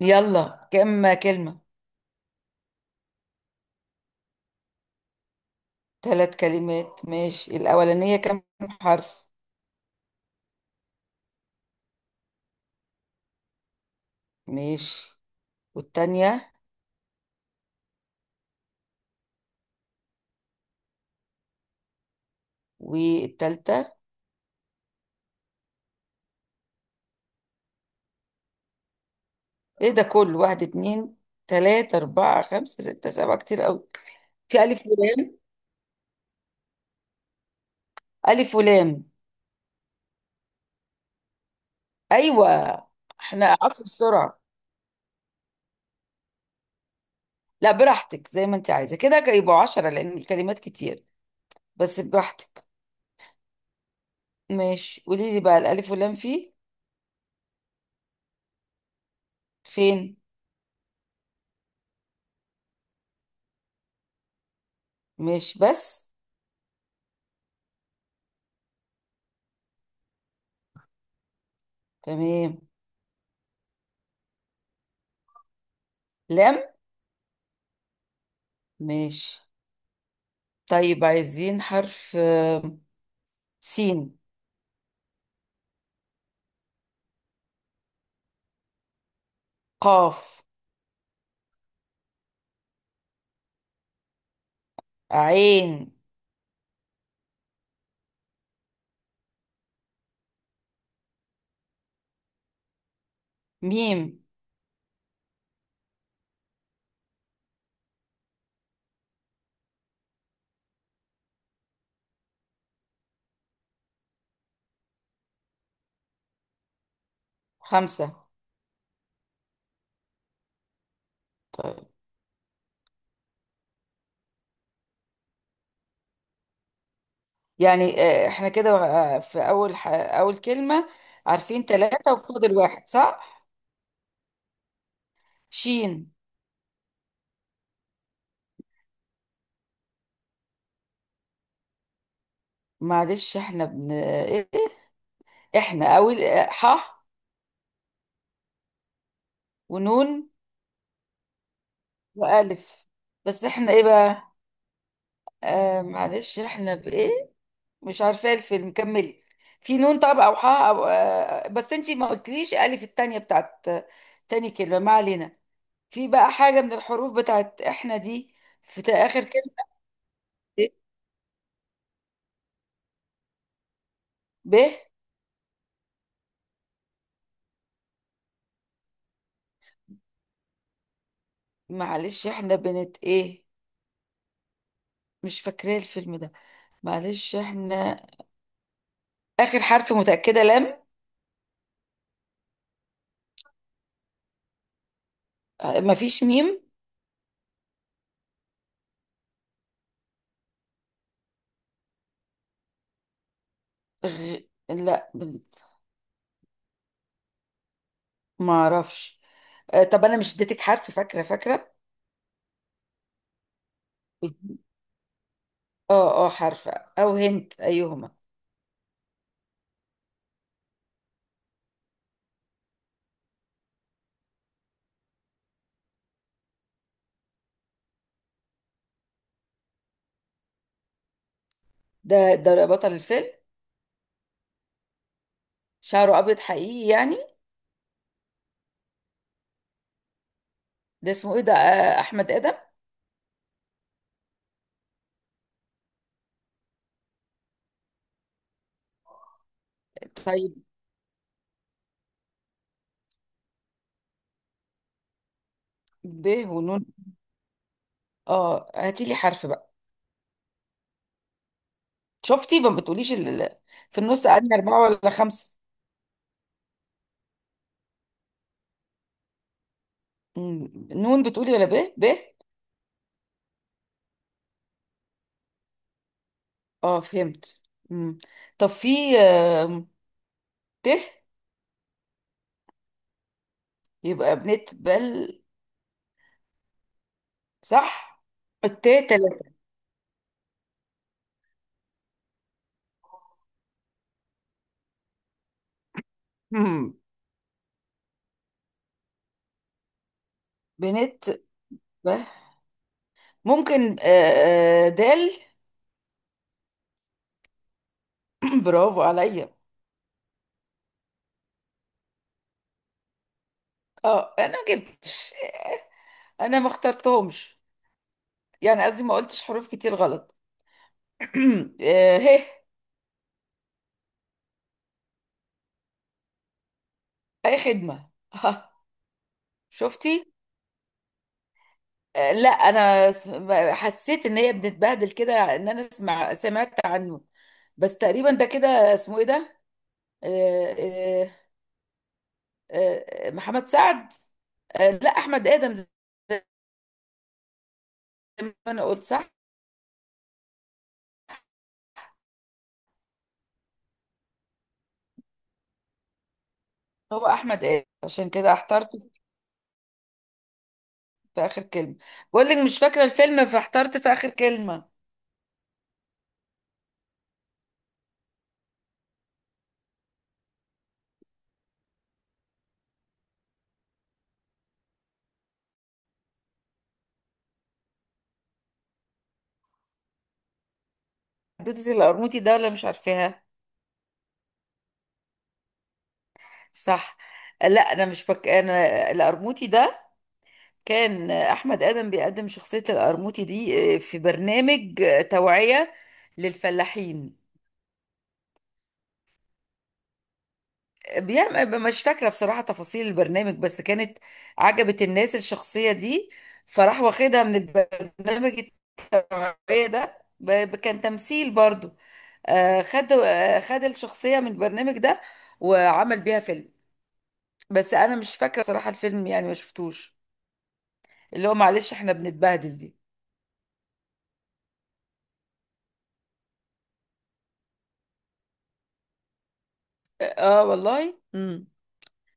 يلا كم كلمة؟ ثلاث كلمات، ماشي. الأولانية كم حرف؟ ماشي. والتانية؟ والتالتة؟ ايه ده كله؟ واحد اتنين تلاتة أربعة خمسة ستة سبعة، كتير أوي. في ألف ولام؟ ألف ولام. أيوة. احنا عارفين بسرعة. لا براحتك، زي ما انت عايزة، كده كده يبقوا 10 لأن الكلمات كتير. بس براحتك. ماشي، قولي لي بقى الألف ولام فيه فين. ماشي. بس تمام. لام. ماشي. طيب عايزين حرف. سين. قاف. عين. ميم. خمسة. طيب. يعني احنا كده. في أول أول كلمة. عارفين ثلاثة وفاضل واحد، صح؟ شين. معلش احنا إيه؟ احنا أول ح ونون وألف. بس احنا ايه بقى؟ آه، معلش احنا بإيه؟ مش عارفة إيه الفيلم، كملي. في نون؟ طب أو حاء؟ أو بس أنتي ما قلتليش ألف التانية بتاعت تاني كلمة. ما علينا. في بقى حاجة من الحروف بتاعت إحنا دي في آخر كلمة؟ ب ب. معلش إحنا بنت إيه؟ مش فاكرة الفيلم ده. معلش إحنا. آخر حرف متأكدة لام. مفيش ميم. غ... لا بنت. ما أعرفش. طب أنا مش اديتك حرف؟ فاكرة. اه اه حرف، أو هنت أيهما. ده ده بطل الفيلم. شعره ابيض حقيقي يعني؟ ده اسمه ايه ده؟ احمد ادم. طيب. ب ونون. اه هاتي لي حرف بقى. شفتي ما بتقوليش في النص قعدنا اربعه ولا خمسه. مم. نون بتقولي ولا ب؟ اه فهمت. مم. طب في، آم، ت؟ يبقى بنت بل، صح؟ الت تلاتة. مم. بنت. ب. ممكن دال. برافو عليا. اه انا ما جبتش. انا ما اخترتهمش، يعني قصدي ما قلتش حروف كتير غلط. هه. اي خدمة، ها. شفتي. لا حسيت ان هي بتتبهدل كده، ان انا اسمع سمعت عنه. بس تقريبا ده كده اسمه ايه ده؟ آه، آه، محمد سعد. لا احمد ادم زي ما انا قلت، صح. هو احمد ادم عشان كده احترت في اخر كلمة. بقول لك مش فاكرة الفيلم فاحترت في اخر كلمة. حبيبتي القرموطي ده ولا مش عارفاها. صح. لا انا مش انا القرموطي ده كان احمد ادم بيقدم شخصية القرموطي دي في برنامج توعية للفلاحين. بيعمل مش فاكرة بصراحة تفاصيل البرنامج، بس كانت عجبت الناس الشخصية دي، فراح واخدها من البرنامج. التوعية ده كان تمثيل برضو. خد خد الشخصية من البرنامج ده وعمل بيها فيلم. بس انا مش فاكرة بصراحة الفيلم، يعني ما شفتوش. اللي هو معلش احنا بنتبهدل دي. اه والله. امم.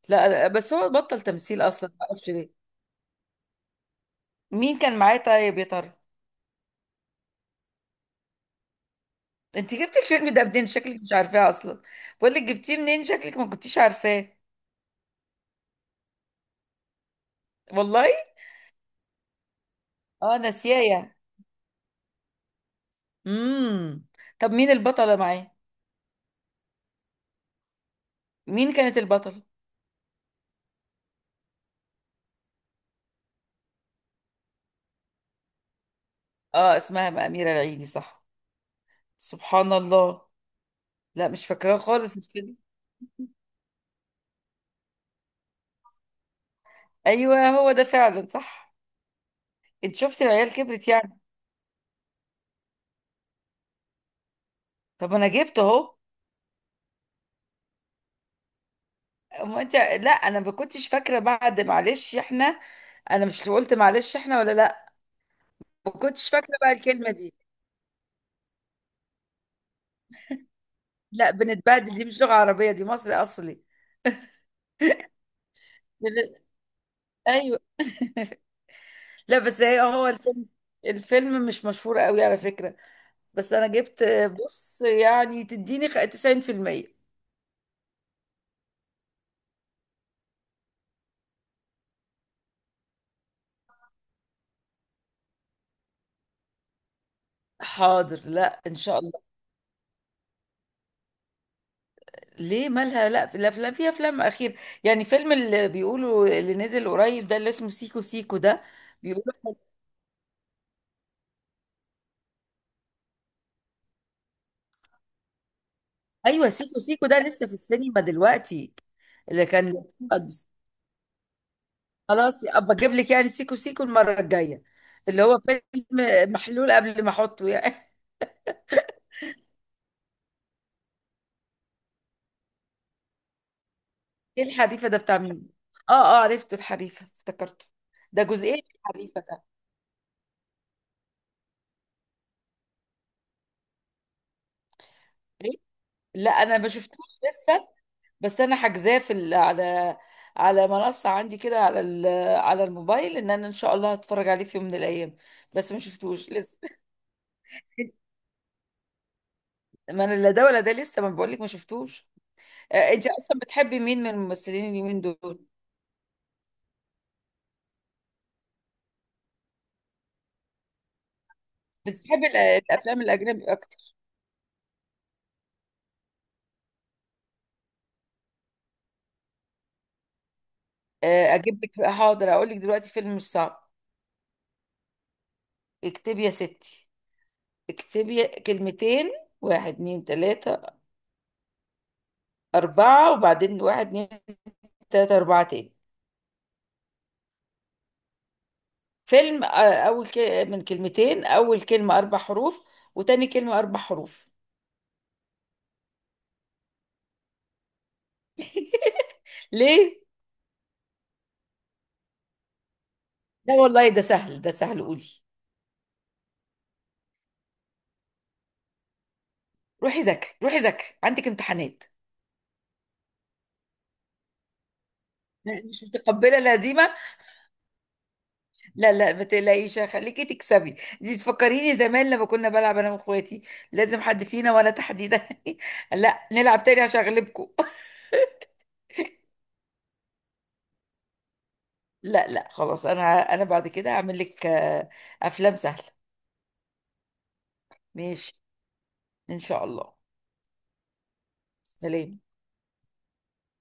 لا، بس هو بطل تمثيل اصلا، ما اعرفش ليه. مين كان معاه طيب يا ترى؟ انت جبتي الفيلم ده منين؟ شكلك مش عارفاه اصلا. بقول لك جبتيه منين، شكلك ما كنتيش عارفاه. والله. اه ناسياه يعني. امم. طب مين البطله معاه؟ مين كانت البطله؟ اه اسمها اميره العيدي، صح. سبحان الله. لا مش فاكراه خالص الفيلم. ايوه هو ده فعلا، صح. انت شفتي العيال كبرت يعني؟ طب انا جبته اهو. ما انت، لا انا ما كنتش فاكره. بعد معلش احنا، انا مش قلت معلش احنا ولا لا؟ ما كنتش فاكره بقى الكلمه دي. لا بنتبهدل دي مش لغه عربيه، دي مصري اصلي. بن- ايوه. لا بس هي هو الفيلم، الفيلم مش مشهور قوي على فكره. بس انا جبت. بص يعني تديني 90%. حاضر. لا ان شاء الله. ليه؟ مالها؟ لا في الافلام، في افلام اخير. يعني فيلم اللي بيقولوا اللي نزل قريب ده اللي اسمه سيكو سيكو ده، بيقولوا. ايوه سيكو سيكو ده لسه في السينما دلوقتي. اللي كان. خلاص ابقى اجيب لك يعني سيكو سيكو المره الجايه، اللي هو فيلم محلول قبل ما احطه يعني. ايه الحريفه ده بتاع مين؟ اه اه عرفته الحريفه افتكرته. ده جزئين الحريفه ده. ليه؟ لا انا ما شفتوش لسه. بس انا حاجزاه في على على منصه عندي كده على على الموبايل، ان انا ان شاء الله هتفرج عليه في يوم من الايام. بس ما شفتوش لسه. ما انا لا ده ولا ده لسه، ما بقولك ما شفتوش. انت اصلا بتحبي مين من الممثلين اليومين دول؟ بتحبي الافلام الاجنبي اكتر؟ اجيب لك حاضر، اقول لك دلوقتي فيلم مش صعب. اكتبي يا ستي، اكتبي كلمتين. واحد اتنين تلاتة أربعة، وبعدين واحد اتنين تلاتة أربعة تاني. فيلم أول من كلمتين، أول كلمة 4 حروف وتاني كلمة 4 حروف. ليه؟ لا والله ده سهل ده سهل، قولي. روحي ذاكري، روحي ذاكري عندك امتحانات. مش متقبلة الهزيمة. لا لا ما تقلقيش، خليكي تكسبي. دي تفكريني زمان لما كنا بلعب انا واخواتي، لازم حد فينا وانا تحديدا لا نلعب تاني عشان اغلبكم. لا لا خلاص، انا انا بعد كده هعمل لك افلام سهله. ماشي. ان شاء الله. سلام.